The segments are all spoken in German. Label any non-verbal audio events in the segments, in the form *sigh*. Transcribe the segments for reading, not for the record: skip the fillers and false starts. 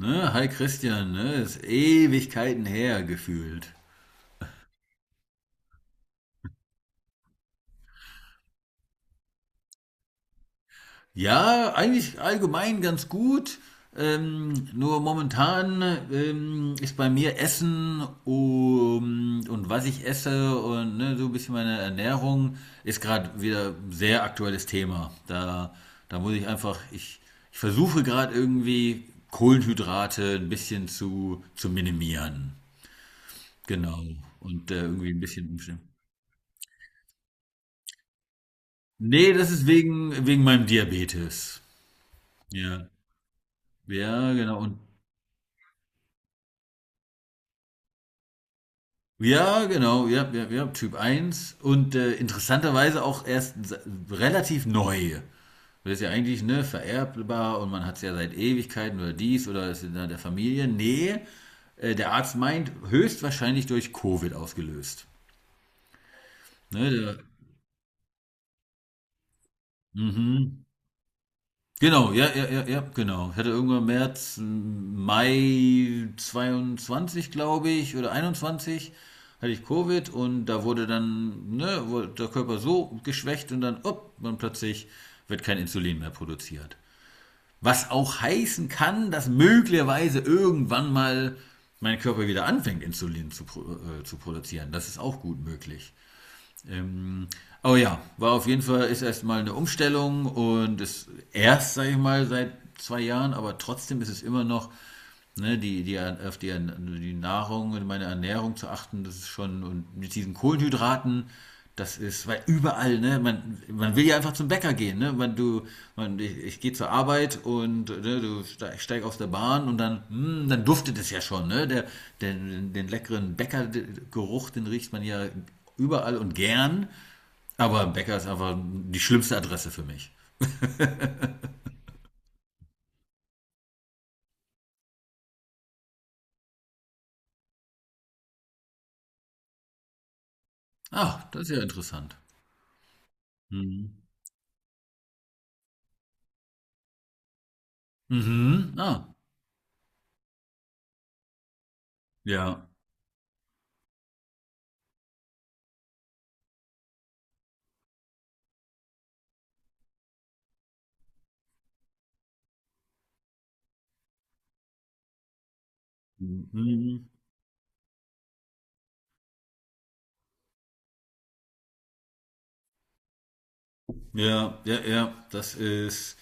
Ne, hi Christian, ne, ist Ewigkeiten her gefühlt. Ja, eigentlich allgemein ganz gut. Nur momentan ist bei mir Essen und was ich esse und ne, so ein bisschen meine Ernährung ist gerade wieder ein sehr aktuelles Thema. Da muss ich einfach, ich versuche gerade irgendwie Kohlenhydrate ein bisschen zu minimieren. Genau. Und irgendwie ein bisschen umstellen. Nee, das ist wegen meinem Diabetes. Ja, ja, genau. Und, ja, genau, ja, ja, ja, Typ 1. Und interessanterweise auch erst relativ neu. Das ist ja eigentlich, ne, vererbbar und man hat es ja seit Ewigkeiten oder dies oder ist in der Familie. Nee, der Arzt meint, höchstwahrscheinlich durch Covid ausgelöst. Ne, mhm. Genau, ja, ja, ja, ja, genau. Ich hatte irgendwann März, Mai 2022, glaube ich, oder 21, hatte ich Covid und da wurde dann, ne, wurde der Körper so geschwächt und dann, upp, und plötzlich wird kein Insulin mehr produziert. Was auch heißen kann, dass möglicherweise irgendwann mal mein Körper wieder anfängt, Insulin zu produzieren. Das ist auch gut möglich. Ähm, aber ja, war auf jeden Fall, ist erstmal eine Umstellung und ist erst, sage ich mal, seit 2 Jahren, aber trotzdem ist es immer noch, ne, auf die Nahrung und meine Ernährung zu achten, das ist schon, und mit diesen Kohlenhydraten, das ist, weil überall, ne, man will ja einfach zum Bäcker gehen, ne, man, du, man, ich gehe zur Arbeit und ne, du steig aus der Bahn und dann, dann duftet es ja schon, ne, den leckeren Bäckergeruch, den riecht man ja überall und gern, aber Bäcker ist einfach die schlimmste Adresse für mich. Ach, das ist ja interessant. Mhm. Mhm. Ah, ja. Mhm. Ja, ja, ja, das ist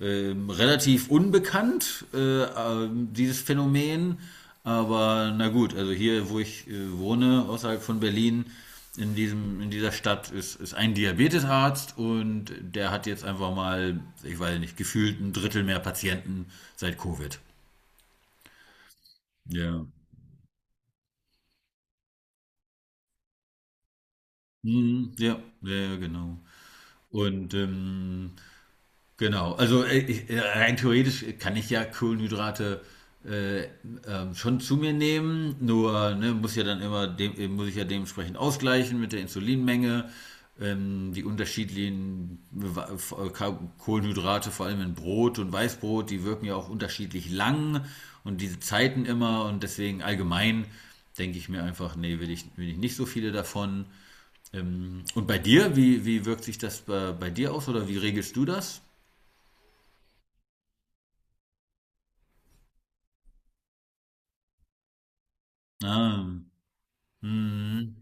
relativ unbekannt, dieses Phänomen. Aber na gut, also hier, wo ich wohne, außerhalb von Berlin, in dieser Stadt ist ein Diabetesarzt und der hat jetzt einfach mal, ich weiß nicht, gefühlt ein Drittel mehr Patienten seit Covid. Ja. Mhm, ja, ja, ja, genau. Und genau, also rein theoretisch kann ich ja Kohlenhydrate äh, schon zu mir nehmen, nur ne, muss ja dann immer muss ich ja dementsprechend ausgleichen mit der Insulinmenge, die unterschiedlichen Kohlenhydrate, vor allem in Brot und Weißbrot, die wirken ja auch unterschiedlich lang und diese Zeiten immer und deswegen allgemein denke ich mir einfach, nee, will ich nicht so viele davon. Und bei dir, wie wirkt sich das bei dir aus oder wie regelst du das? Ah, mhm.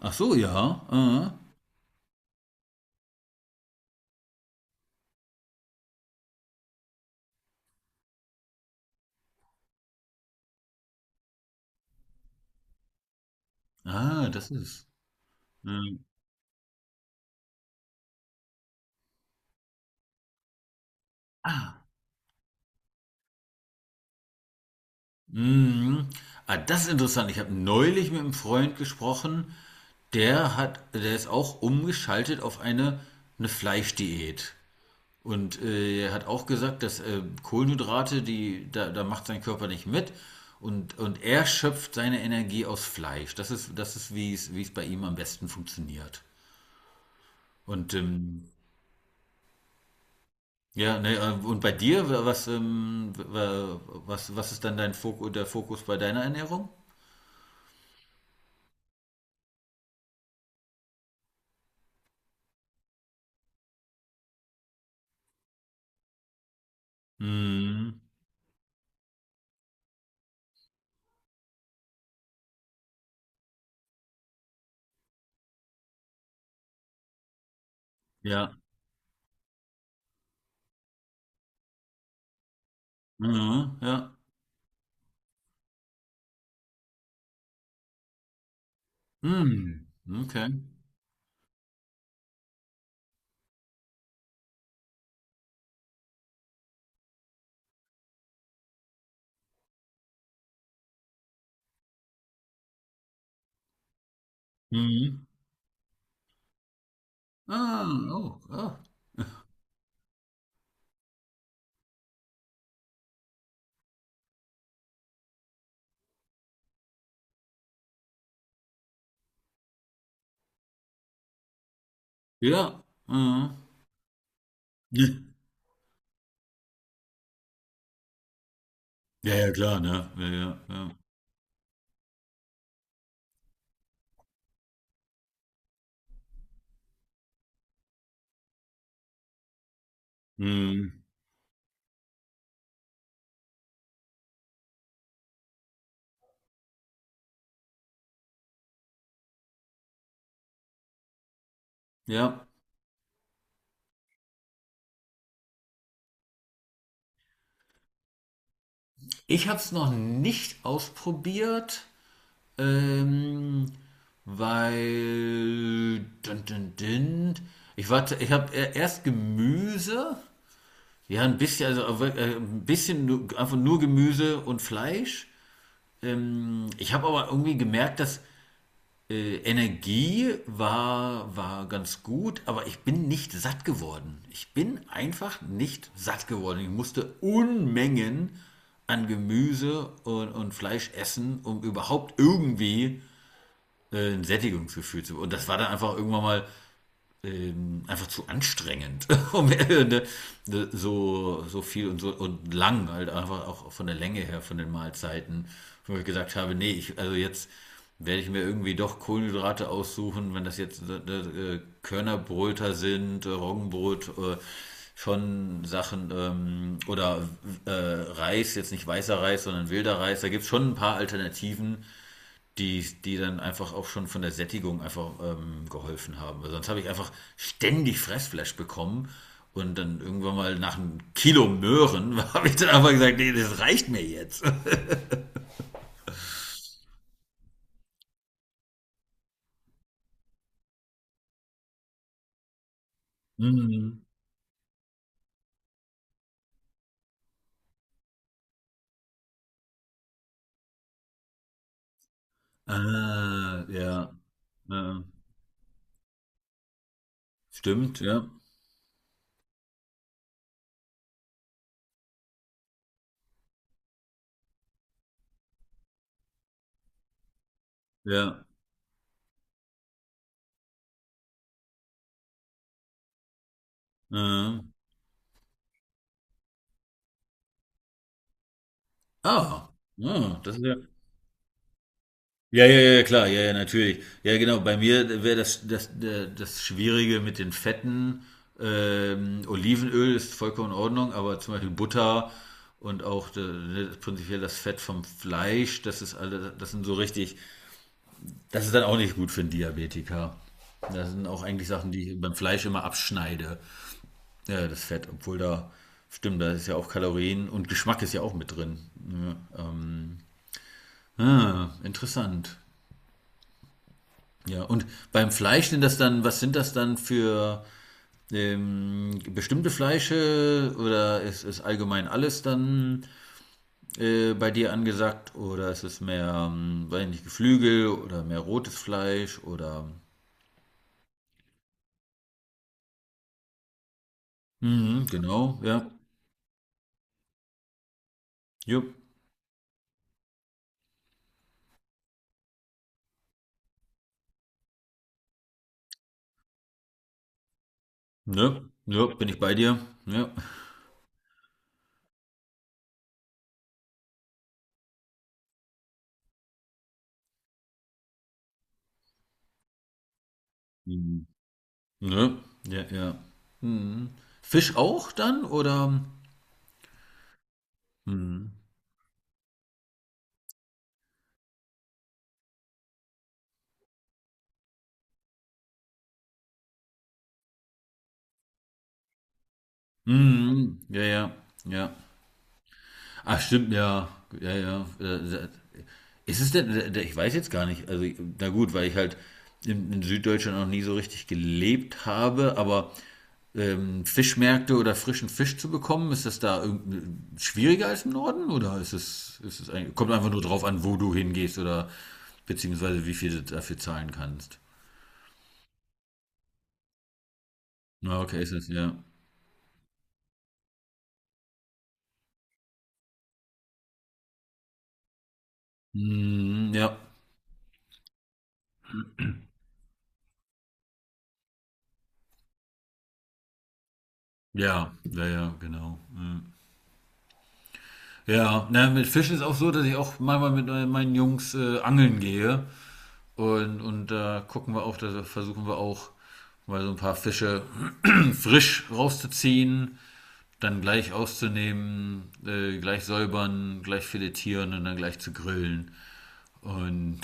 Ach so, ja. Ah, ah das ist. Mhm. Mhm. Ah, das ist interessant. Ich habe neulich mit einem Freund gesprochen, der ist auch umgeschaltet auf eine Fleischdiät. Und er hat auch gesagt, dass Kohlenhydrate, da macht sein Körper nicht mit. Und er schöpft seine Energie aus Fleisch. Das ist wie es bei ihm am besten funktioniert. Und ja, ne, und bei dir, was ist dann dein Fokus, der Fokus bei deiner Ernährung? Mhm. Ja. Mhm. Ja. Mhm. Okay. Mhm. Ah, oh, ah. Ja. Mhm. *laughs* Ja, ja, klar, ne? Ja, ja, ja. Hm, ja. Ich habe es noch nicht ausprobiert, ähm, weil ich warte, ich habe erst Gemüse, ja ein bisschen, also ein bisschen nur, einfach nur Gemüse und Fleisch. Ich habe aber irgendwie gemerkt, dass Energie war ganz gut, aber ich bin nicht satt geworden. Ich bin einfach nicht satt geworden. Ich musste Unmengen an Gemüse und Fleisch essen, um überhaupt irgendwie ein Sättigungsgefühl zu bekommen. Und das war dann einfach irgendwann mal einfach zu anstrengend, *laughs* um ne, ne, so, so viel und so und lang, halt einfach auch von der Länge her von den Mahlzeiten, wo ich gesagt habe, nee, ich, also jetzt werde ich mir irgendwie doch Kohlenhydrate aussuchen, wenn das jetzt ne, ne, Körnerbröter sind, Roggenbrot, schon Sachen, oder Reis, jetzt nicht weißer Reis, sondern wilder Reis, da gibt es schon ein paar Alternativen, die dann einfach auch schon von der Sättigung einfach geholfen haben. Weil sonst habe ich einfach ständig Fressflash bekommen und dann irgendwann mal nach einem Kilo Möhren *laughs* habe ich dann einfach gesagt, nee, das reicht mir jetzt. *laughs* Mhm. Ah, ja, äh, stimmt, ja, ja. Äh. Ah, ja, das ist ja, ja, ja, ja, klar, ja, ja, natürlich. Ja, genau, bei mir wäre das, das Schwierige mit den Fetten. Olivenöl ist vollkommen in Ordnung, aber zum Beispiel Butter und auch ne, prinzipiell das Fett vom Fleisch, das ist alle, das sind so richtig, das ist dann auch nicht gut für einen Diabetiker. Das sind auch eigentlich Sachen, die ich beim Fleisch immer abschneide, ja, das Fett, obwohl da, stimmt, da ist ja auch Kalorien und Geschmack ist ja auch mit drin. Ja, ah, interessant. Ja, und beim Fleisch sind das dann, was sind das dann für bestimmte Fleische oder ist allgemein alles dann bei dir angesagt oder ist es mehr, weiß nicht, Geflügel oder mehr rotes Fleisch oder mhm, genau, ja, jupp, ne, ja, bin ich bei dir, ja, Mhm. Ne, ja, ja. Mhm. Fisch auch dann oder? Mhm. Mhm. Ja, ja, ja. Ach, stimmt, ja. Ja, ja. Ist es denn, ich weiß jetzt gar nicht. Also, na gut, weil ich halt in Süddeutschland noch nie so richtig gelebt habe, aber Fischmärkte oder frischen Fisch zu bekommen, ist das da schwieriger als im Norden? Oder ist es eigentlich, kommt einfach nur drauf an, wo du hingehst oder beziehungsweise wie viel du dafür zahlen kannst? Na, okay, ist es, ja. Hm, ja. Ja, ja, ja, genau. Ja. Ja, na, mit Fischen ist auch so, dass ich auch manchmal mit meinen Jungs angeln gehe. Und da gucken wir auch, da versuchen wir auch mal so ein paar Fische *clears throat* frisch rauszuziehen, dann gleich auszunehmen, gleich säubern, gleich filetieren und dann gleich zu grillen. Und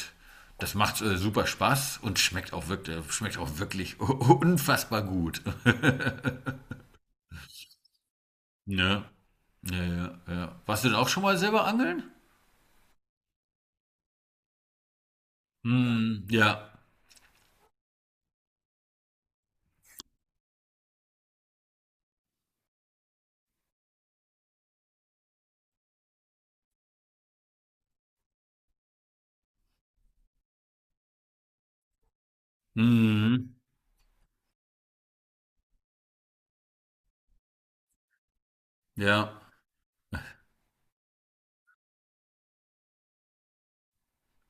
das macht super Spaß und schmeckt auch wirklich *laughs* unfassbar gut. *laughs* Ja, ja, ja, ja. Warst du denn auch schon mal selber angeln? Hm, ja. Hm, ja.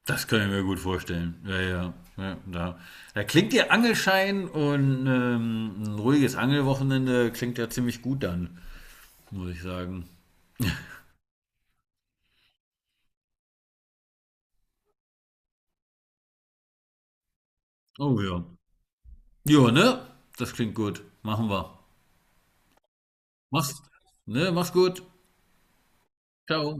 Das kann ich mir gut vorstellen. Ja, ja. Ja, da klingt der Angelschein und ein ruhiges Angelwochenende klingt ja ziemlich gut dann, muss ich sagen. Oh ja. Ja, ne? Das klingt gut. Machen wir. Mach's, ne? Mach's gut. Ciao.